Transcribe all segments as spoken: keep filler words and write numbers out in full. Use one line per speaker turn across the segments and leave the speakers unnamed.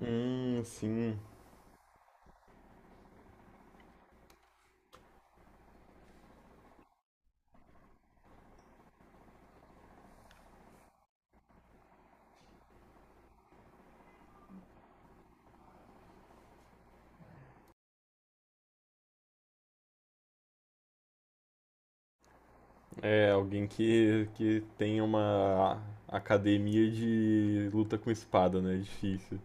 Hum, sim. É, alguém que, que tem uma academia de luta com espada, né? É difícil.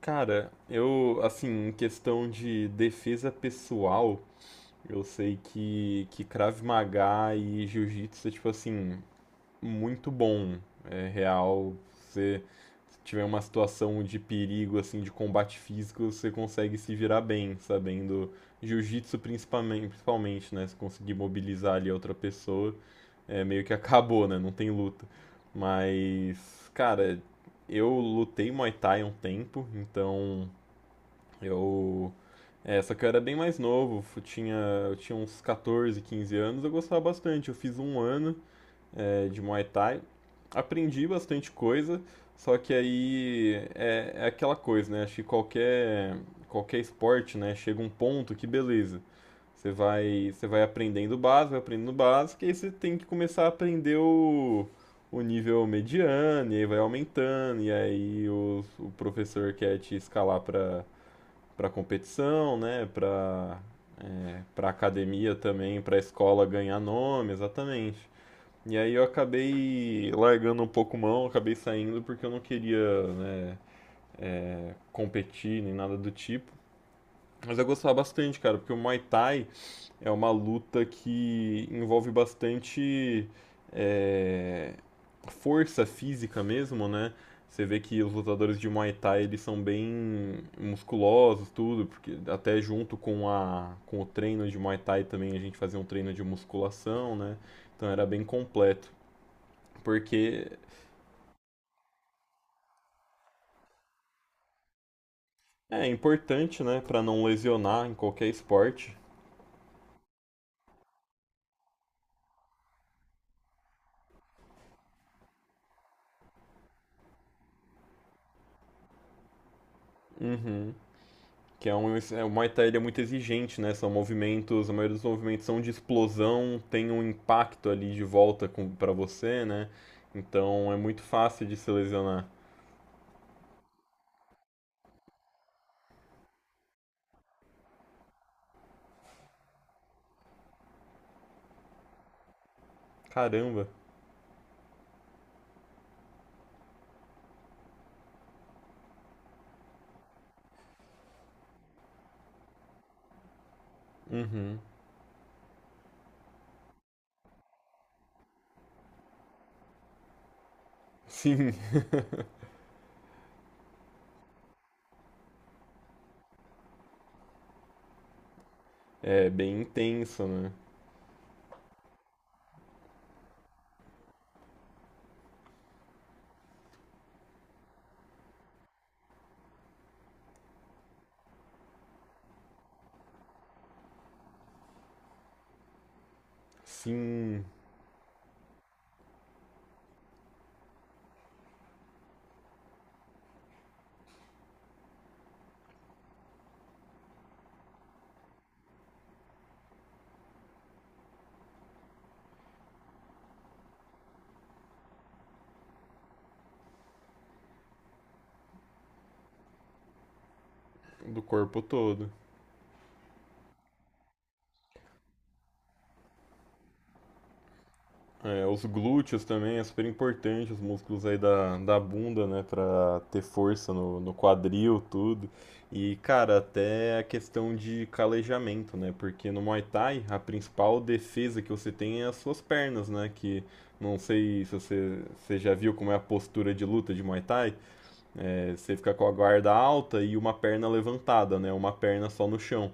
Cara, eu, assim, em questão de defesa pessoal, eu sei que, que Krav Maga e Jiu-Jitsu é tipo assim, muito bom, é real. Você se tiver uma situação de perigo, assim, de combate físico, você consegue se virar bem, sabendo. Jiu-jitsu principalmente, principalmente, né? Se conseguir mobilizar ali a outra pessoa, é meio que acabou, né? Não tem luta. Mas, cara, eu lutei Muay Thai um tempo, então eu. É, só que eu era bem mais novo, eu tinha, eu tinha uns quatorze, quinze anos, eu gostava bastante. Eu fiz um ano é, de Muay Thai. Aprendi bastante coisa, só que aí é, é aquela coisa, né? Acho que qualquer, qualquer esporte, né? Chega um ponto que beleza. Você vai, você vai aprendendo o básico, vai aprendendo o básico, e aí você tem que começar a aprender o, o nível mediano, e aí vai aumentando, e aí o, o professor quer te escalar para para competição, né? Para para academia também, para escola ganhar nome, exatamente. E aí eu acabei largando um pouco mão, acabei saindo porque eu não queria, né, competir nem nada do tipo. Mas eu gostava bastante, cara, porque o Muay Thai é uma luta que envolve bastante é, força física mesmo, né? Você vê que os lutadores de Muay Thai eles são bem musculosos, tudo, porque até junto com a com o treino de Muay Thai também a gente fazia um treino de musculação, né? Então era bem completo, porque é importante, né, pra não lesionar em qualquer esporte. Uhum. Que é um, é, o Muay Thai ele é muito exigente, né? São movimentos, a maioria dos movimentos são de explosão, tem um impacto ali de volta com, para você, né? Então é muito fácil de se lesionar. Caramba. Uhum. Sim. É bem intenso, né? Sim, do corpo todo. É, os glúteos também é super importante, os músculos aí da, da bunda, né, pra ter força no, no quadril, tudo. E, cara, até a questão de calejamento, né, porque no Muay Thai a principal defesa que você tem é as suas pernas, né, que não sei se você, você já viu como é a postura de luta de Muay Thai, é, você fica com a guarda alta e uma perna levantada, né, uma perna só no chão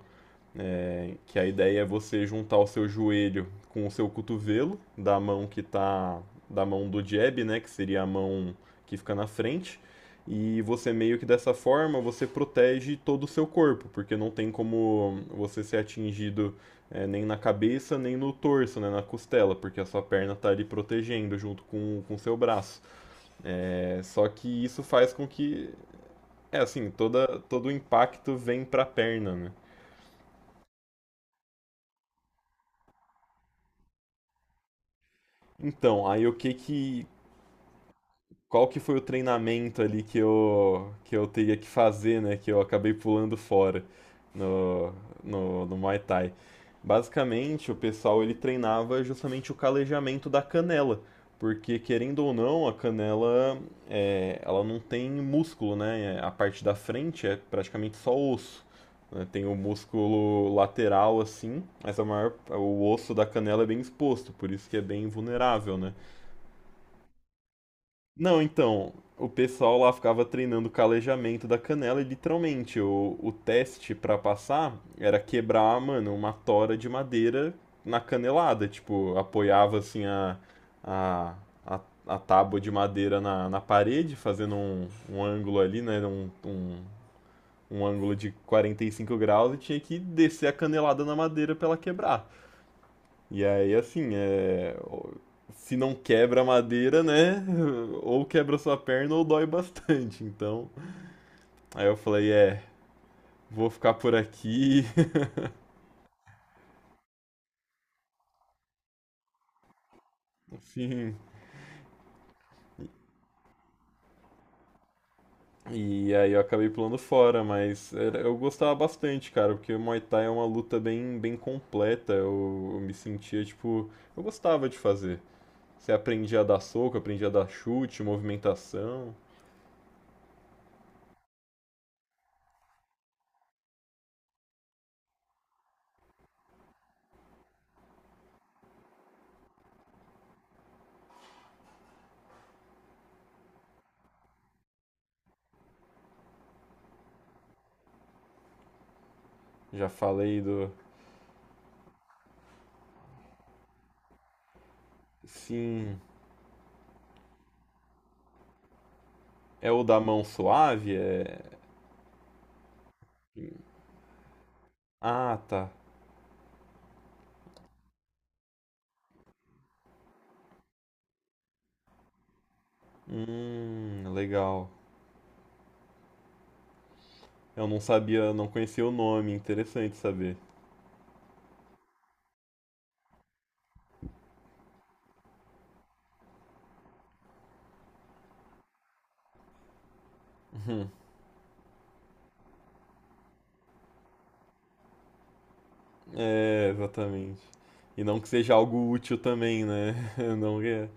que a ideia é você juntar o seu joelho com o seu cotovelo da mão que tá da mão do jab, né, que seria a mão que fica na frente, e você meio que dessa forma você protege todo o seu corpo, porque não tem como você ser atingido é, nem na cabeça, nem no torso, né, na costela, porque a sua perna tá ali protegendo junto com com o seu braço. É, só que isso faz com que é assim, toda todo o impacto vem para a perna, né? Então, aí o que que qual que foi o treinamento ali que eu, que eu teria que fazer, né? Que eu acabei pulando fora no, no, no Muay Thai. Basicamente, o pessoal ele treinava justamente o calejamento da canela, porque querendo ou não, a canela é, ela não tem músculo, né? é, A parte da frente é praticamente só osso. Né? Tem o músculo lateral assim, mas a maior, o osso da canela é bem exposto, por isso que é bem vulnerável, né? Não, então, o pessoal lá ficava treinando o calejamento da canela e literalmente o, o teste pra passar era quebrar, mano, uma tora de madeira na canelada. Tipo, apoiava assim a, a, a, a tábua de madeira na, na parede, fazendo um, um ângulo ali, né? Um, um, um ângulo de quarenta e cinco graus e tinha que descer a canelada na madeira pra ela quebrar. E aí, assim, é... se não quebra a madeira, né? Ou quebra sua perna ou dói bastante. Então, aí eu falei, é, vou ficar por aqui. Enfim. E aí eu acabei pulando fora, mas era- eu gostava bastante, cara, porque o Muay Thai é uma luta bem, bem completa. Eu, eu me sentia, tipo, eu gostava de fazer. Você aprendia a dar soco, aprendia a dar chute, movimentação. Já falei do. Sim. É o da mão suave? É. Ah, tá. Hum, legal. Eu não sabia, não conhecia o nome, interessante saber. É, exatamente. E não que seja algo útil também, né? Não é.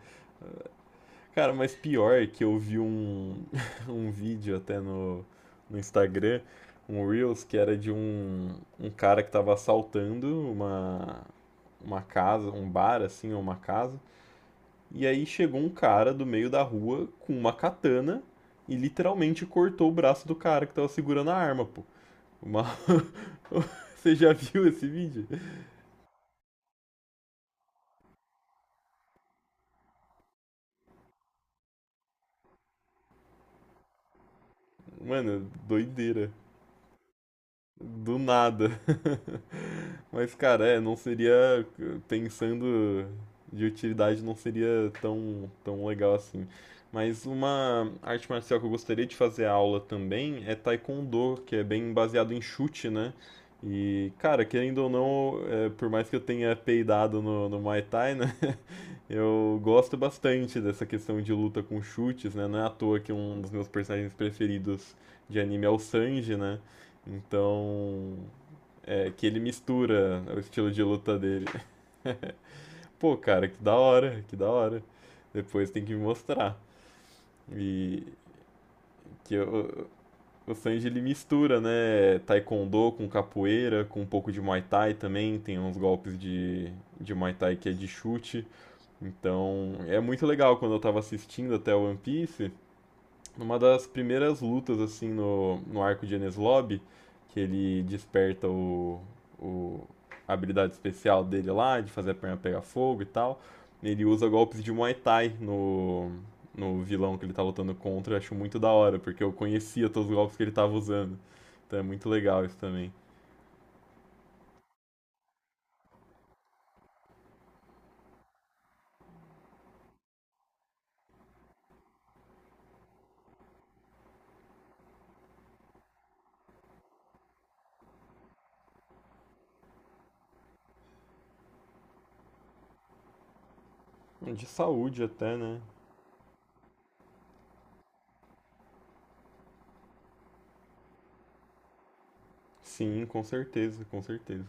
Cara, mas pior é que eu vi um, um vídeo até no, no Instagram, um Reels, que era de um, um cara que tava assaltando uma, uma casa, um bar, assim, ou uma casa. E aí chegou um cara do meio da rua com uma katana e literalmente cortou o braço do cara que tava segurando a arma, pô. Uma... Você já viu esse vídeo? Mano, doideira. Do nada. Mas, cara, é, não seria, pensando de utilidade, não seria tão, tão legal assim. Mas uma arte marcial que eu gostaria de fazer aula também é Taekwondo, que é bem baseado em chute, né? E, cara, querendo ou não, é, por mais que eu tenha peidado no, no Muay Thai, né? Eu gosto bastante dessa questão de luta com chutes, né? Não é à toa que um dos meus personagens preferidos de anime é o Sanji, né? Então, é que ele mistura o estilo de luta dele. Pô, cara, que da hora, que da hora. Depois tem que me mostrar. E que eu, o Sanji ele mistura, né, taekwondo com capoeira, com um pouco de Muay Thai também, tem uns golpes de, de Muay Thai que é de chute. Então, é muito legal quando eu tava assistindo até One Piece, numa das primeiras lutas, assim, no, no arco de Enies Lobby, que ele desperta o, o, a habilidade especial dele lá, de fazer a perna pegar fogo e tal. Ele usa golpes de Muay Thai no, no vilão que ele tá lutando contra, eu acho muito da hora, porque eu conhecia todos os golpes que ele tava usando. Então é muito legal isso também. De saúde até, né? Sim, com certeza, com certeza.